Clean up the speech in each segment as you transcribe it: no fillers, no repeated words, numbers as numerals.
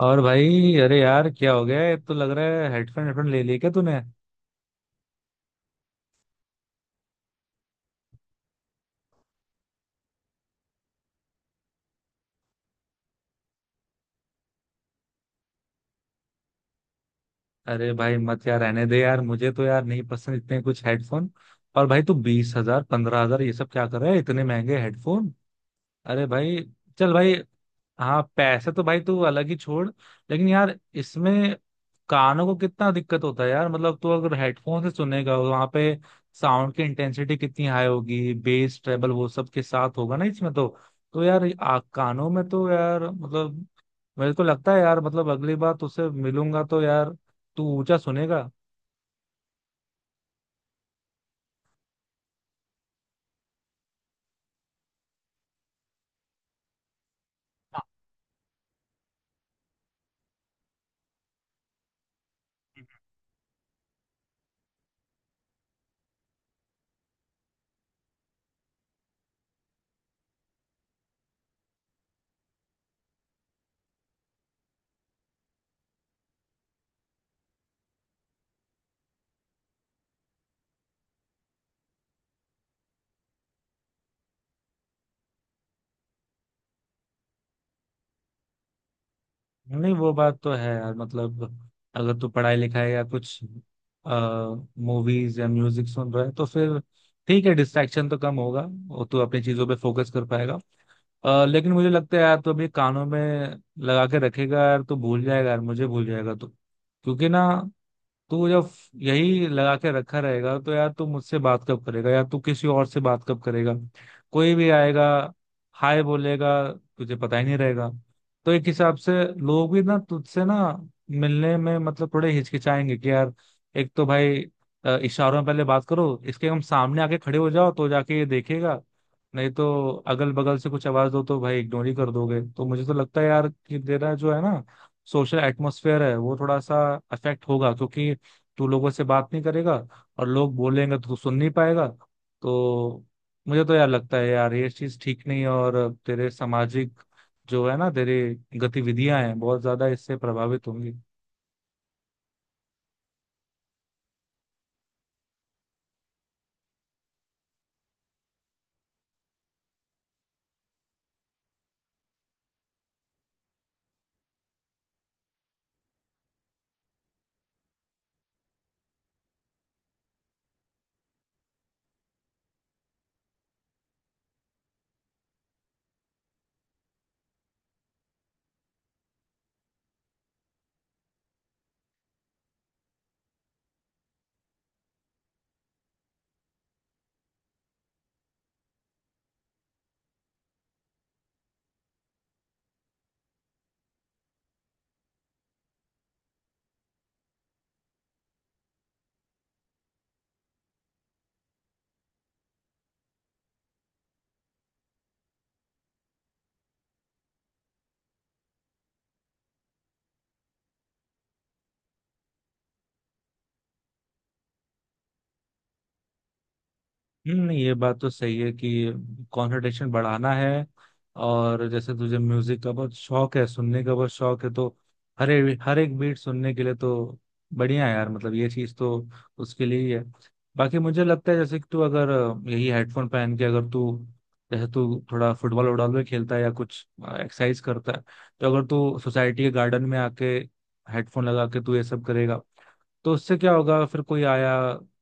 और भाई, अरे यार क्या हो गया? ये तो लग रहा है हेडफोन हेडफोन ले लिए क्या तूने? अरे भाई मत यार, रहने दे यार, मुझे तो यार नहीं पसंद इतने कुछ हेडफोन। और भाई तू 20 हजार 15 हजार ये सब क्या कर रहा है, इतने महंगे हेडफोन? अरे भाई, चल भाई। हाँ, पैसे तो भाई तू अलग ही छोड़। लेकिन यार इसमें कानों को कितना दिक्कत होता है यार, मतलब तू अगर हेडफोन से सुनेगा, वहां पे साउंड की इंटेंसिटी कितनी हाई होगी, बेस ट्रेबल वो सब के साथ होगा ना इसमें तो। तो यार कानों में तो यार मतलब मेरे को लगता है यार, मतलब अगली बार तुझसे मिलूंगा तो यार तू ऊंचा सुनेगा। नहीं, वो बात तो है यार, मतलब अगर तू पढ़ाई लिखाई या कुछ मूवीज या म्यूजिक सुन रहा है तो फिर ठीक है, डिस्ट्रैक्शन तो कम होगा और तू अपनी चीजों पे फोकस कर पाएगा। लेकिन मुझे लगता है यार तू अभी कानों में लगा के रखेगा यार, तो भूल जाएगा यार, मुझे भूल जाएगा तू। क्योंकि ना तू जब यही लगा के रखा रहेगा तो यार तू मुझसे बात कब करेगा, या तू किसी और से बात कब करेगा? कोई भी आएगा, हाय बोलेगा, तुझे पता ही नहीं रहेगा। तो एक हिसाब से लोग भी ना तुझसे ना मिलने में मतलब थोड़े हिचकिचाएंगे कि यार एक तो भाई इशारों में पहले बात करो इसके, हम सामने आके खड़े हो जाओ तो जाके ये देखेगा, नहीं तो अगल बगल से कुछ आवाज दो तो भाई इग्नोर ही कर दोगे। तो मुझे तो लगता है यार कि तेरा जो है ना सोशल एटमोसफेयर है वो थोड़ा सा अफेक्ट होगा, क्योंकि तू लोगों से बात नहीं करेगा और लोग बोलेंगे तो तू सुन नहीं पाएगा। तो मुझे तो यार लगता है यार ये चीज ठीक नहीं है, और तेरे सामाजिक जो है ना तेरी गतिविधियां हैं बहुत ज्यादा इससे प्रभावित होंगी। हम्म, ये बात तो सही है कि कंसंट्रेशन बढ़ाना है और जैसे तुझे म्यूजिक का बहुत शौक है, सुनने का बहुत शौक है, तो हर एक बीट सुनने के लिए तो बढ़िया है यार, मतलब ये चीज तो उसके लिए ही है। बाकी मुझे लगता है जैसे कि तू अगर यही हेडफोन पहन के, अगर तू जैसे तू थोड़ा फुटबॉल उड़ाल भी खेलता है या कुछ एक्सरसाइज करता है, तो अगर तू सोसाइटी के गार्डन में आके हेडफोन लगा के तू ये सब करेगा, तो उससे क्या होगा? फिर कोई आया,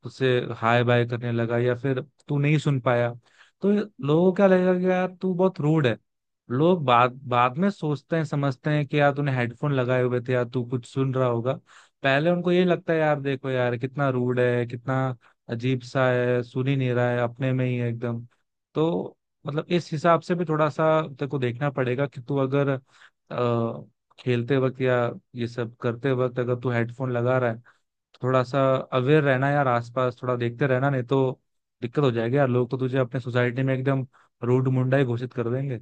उसे हाय बाय करने लगा या फिर तू नहीं सुन पाया, तो लोगों को क्या लगेगा कि यार तू बहुत रूड है। लोग बाद बाद में सोचते हैं, समझते हैं कि यार तूने हेडफोन लगाए हुए थे या तू कुछ सुन रहा होगा, पहले उनको ये लगता है यार देखो यार कितना रूड है, कितना अजीब सा है, सुन ही नहीं रहा है, अपने में ही है एकदम। तो मतलब इस हिसाब से भी थोड़ा सा तेरे को देखना पड़ेगा कि तू अगर अ, खेलते वक्त या ये सब करते वक्त अगर तू हेडफोन लगा रहा है, थोड़ा सा अवेयर रहना यार, आसपास थोड़ा देखते रहना, नहीं तो दिक्कत हो जाएगी यार, लोग तो तुझे अपने सोसाइटी में एकदम रूड मुंडा ही घोषित कर देंगे।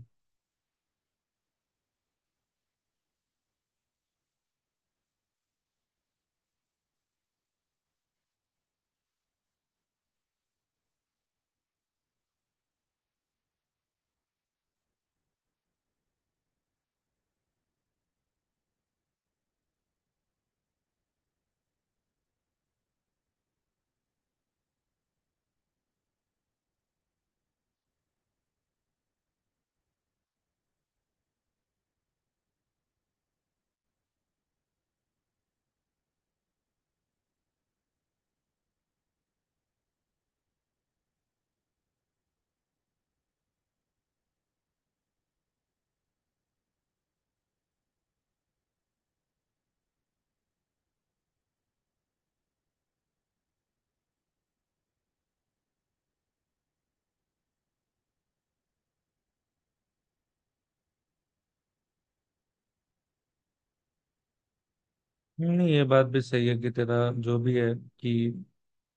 नहीं, ये बात भी सही है कि तेरा जो भी है कि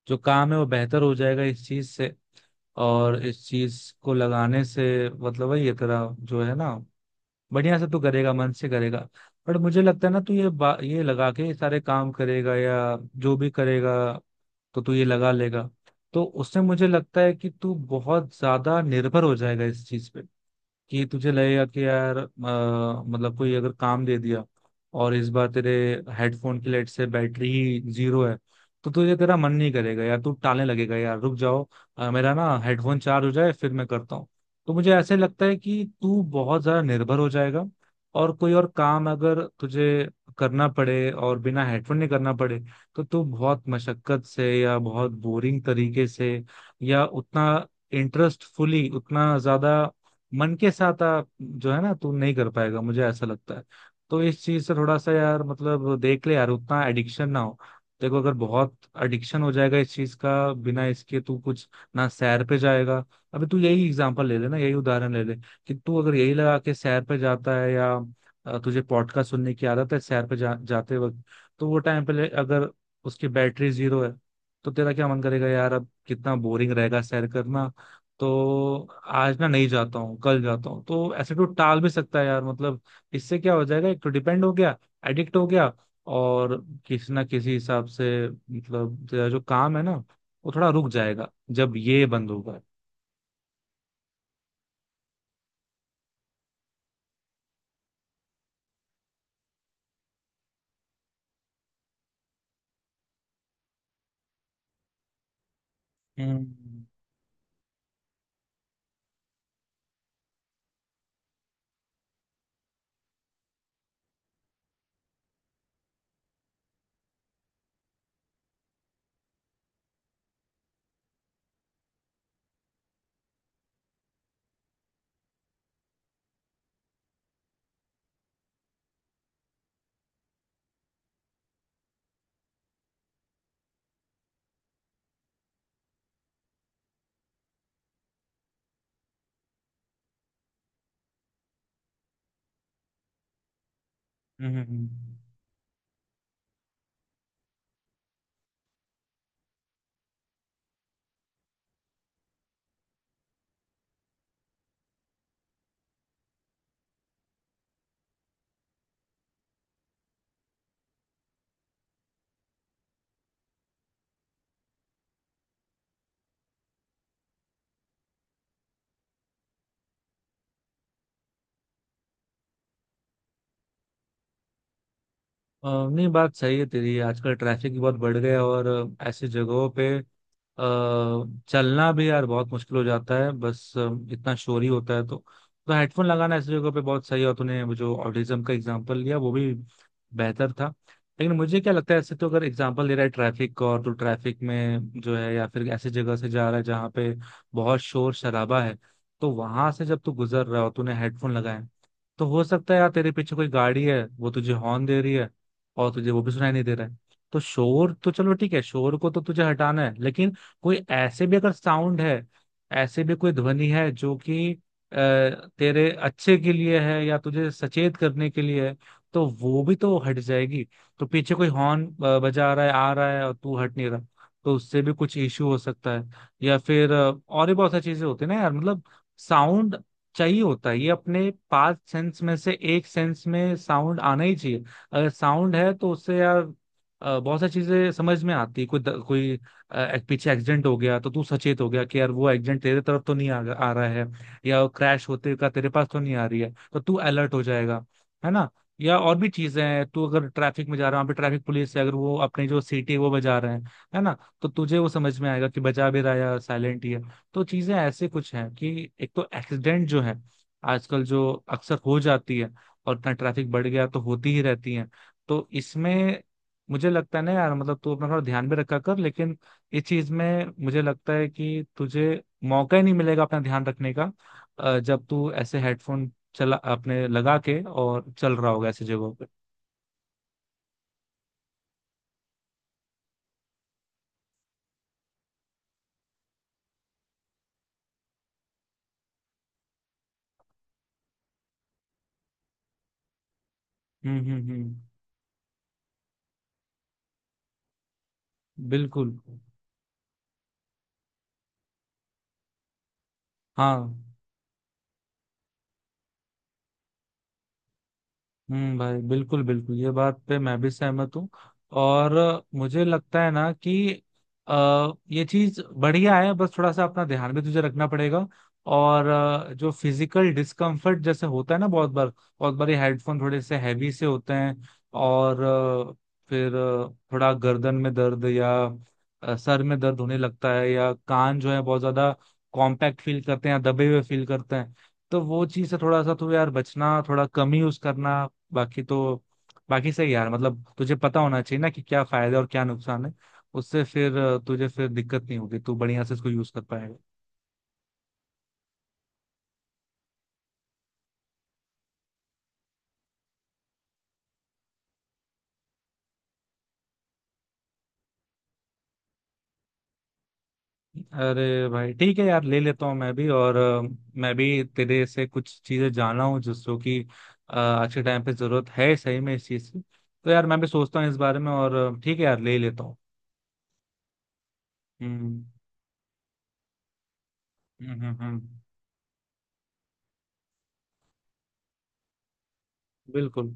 जो काम है वो बेहतर हो जाएगा इस चीज से और इस चीज को लगाने से। मतलब वही है तेरा जो है ना, बढ़िया से तू करेगा, मन से करेगा। बट मुझे लगता है ना तू ये ये लगा के ये सारे काम करेगा या जो भी करेगा, तो तू ये लगा लेगा, तो उससे मुझे लगता है कि तू बहुत ज्यादा निर्भर हो जाएगा इस चीज पे। कि तुझे लगेगा कि यार मतलब कोई अगर काम दे दिया और इस बार तेरे हेडफोन की लाइट से बैटरी ही जीरो है, तो तुझे तेरा मन नहीं करेगा यार, तू टालने लगेगा यार, रुक जाओ मेरा ना हेडफोन चार्ज हो जाए फिर मैं करता हूँ। तो मुझे ऐसे लगता है कि तू बहुत ज्यादा निर्भर हो जाएगा। और कोई और काम अगर तुझे करना पड़े और बिना हेडफोन नहीं करना पड़े, तो तू बहुत मशक्कत से या बहुत बोरिंग तरीके से या उतना इंटरेस्टफुली, उतना ज्यादा मन के साथ आप जो है ना तू नहीं कर पाएगा, मुझे ऐसा लगता है। तो इस चीज से थोड़ा सा यार, मतलब देख ले यार, उतना एडिक्शन ना हो। देखो अगर बहुत एडिक्शन हो जाएगा इस चीज का, बिना इसके तू कुछ ना सैर पे जाएगा। अभी तू यही एग्जांपल ले ले ना, यही उदाहरण ले ले, कि तू अगर यही लगा के सैर पे जाता है या तुझे पॉडकास्ट सुनने की आदत है सैर पे जाते वक्त, तो वो अगर उसकी बैटरी जीरो है, तो तेरा क्या मन करेगा यार? अब कितना बोरिंग रहेगा सैर करना, तो आज ना नहीं जाता हूँ, कल जाता हूँ, तो ऐसे तो टाल भी सकता है यार मतलब। इससे क्या हो जाएगा, एक तो डिपेंड हो गया, एडिक्ट हो गया, और किसी ना किसी हिसाब से मतलब तेरा जो काम है ना वो थोड़ा रुक जाएगा जब ये बंद होगा। हम्म हम्म हम्म, हम्म। नहीं, बात सही है तेरी, आजकल ट्रैफिक भी बहुत बढ़ गया है और ऐसी जगहों पे चलना भी यार बहुत मुश्किल हो जाता है, बस इतना शोर ही होता है तो। तो हेडफोन लगाना ऐसी जगहों पे बहुत सही है, और तूने वो जो ऑटिज्म का एग्जांपल लिया वो भी बेहतर था। लेकिन मुझे क्या लगता है, ऐसे तो अगर एग्जांपल दे रहा है ट्रैफिक का, और तू ट्रैफिक में जो है या फिर ऐसी जगह से जा रहा है जहाँ पे बहुत शोर शराबा है, तो वहां से जब तू गुजर रहा हो, तूने हेडफोन लगाए, तो हो सकता है यार तेरे पीछे कोई गाड़ी है, वो तुझे हॉर्न दे रही है और तुझे वो भी सुनाई नहीं दे रहा है। तो शोर तो चलो ठीक है, शोर को तो तुझे हटाना है, लेकिन कोई ऐसे भी अगर साउंड है, ऐसे भी कोई ध्वनि है जो कि अ, तेरे अच्छे के लिए है या तुझे सचेत करने के लिए है, तो वो भी तो हट जाएगी। तो पीछे कोई हॉर्न बजा रहा है, आ रहा है और तू हट नहीं रहा, तो उससे भी कुछ इश्यू हो सकता है। या फिर और भी बहुत सारी चीजें होती है ना यार, मतलब साउंड चाहिए होता है, ये अपने 5 सेंस में से एक सेंस में साउंड आना ही चाहिए। अगर साउंड है तो उससे यार बहुत सारी चीजें समझ में आती है। कोई कोई एक पीछे एक्सीडेंट हो गया, तो तू सचेत हो गया कि यार वो एक्सीडेंट तेरे तरफ तो नहीं आ रहा है, या क्रैश होते का तेरे पास तो नहीं आ रही है, तो तू अलर्ट हो जाएगा, है ना। या और भी चीजें हैं, तू अगर ट्रैफिक में जा रहा है, वहाँ पे ट्रैफिक पुलिस है, अगर वो अपने जो सीटी वो बजा रहे हैं, है ना, तो तुझे वो समझ में आएगा कि बजा भी रहा है या साइलेंट ही है। तो चीजें ऐसे कुछ हैं कि एक तो एक्सीडेंट जो है आजकल जो अक्सर हो जाती है, और इतना ट्रैफिक बढ़ गया तो होती ही रहती है। तो इसमें मुझे लगता है ना यार, मतलब तू अपना थोड़ा ध्यान भी रखा कर, लेकिन इस चीज में मुझे लगता है कि तुझे मौका ही नहीं मिलेगा अपना ध्यान रखने का, जब तू ऐसे हेडफोन चला अपने लगा के और चल रहा होगा ऐसी जगहों पे। हम्म। बिल्कुल। हाँ। हम्म, भाई बिल्कुल बिल्कुल, ये बात पे मैं भी सहमत हूँ। और मुझे लगता है ना कि ये चीज बढ़िया है, बस थोड़ा सा अपना ध्यान भी तुझे रखना पड़ेगा। और जो फिजिकल डिस्कम्फर्ट जैसे होता है ना बहुत बार, बहुत बार ये हेडफोन थोड़े से हैवी से होते हैं, और फिर थोड़ा गर्दन में दर्द या सर में दर्द होने लगता है, या कान जो है बहुत ज्यादा कॉम्पैक्ट फील करते हैं या दबे हुए फील करते हैं। तो वो चीज से थोड़ा सा तो यार बचना, थोड़ा कम ही यूज करना। बाकी तो बाकी सही यार, मतलब तुझे पता होना चाहिए ना कि क्या फायदा और क्या नुकसान है। उससे फिर तुझे फिर दिक्कत नहीं होगी, तू बढ़िया से इसको यूज कर पाएगा। अरे भाई ठीक है यार, ले लेता हूँ मैं भी, और मैं भी तेरे से कुछ चीजें जाना हूँ जिसको कि आज के टाइम पे जरूरत है सही में इस चीज की। तो यार मैं भी सोचता हूँ इस बारे में, और ठीक है यार, ले लेता हूँ। हम्म हम्म। बिल्कुल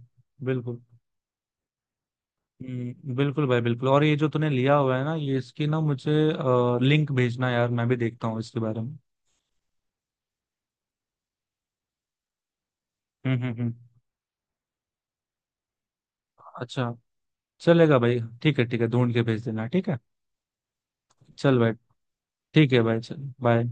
बिल्कुल। बिल्कुल भाई बिल्कुल, और ये जो तूने लिया हुआ है ना, ये इसकी ना मुझे लिंक भेजना यार, मैं भी देखता हूँ इसके बारे में। हम्म। अच्छा, चलेगा भाई, ठीक है ठीक है, ढूंढ के भेज देना, ठीक है। चल भाई, ठीक है भाई, चल, बाय।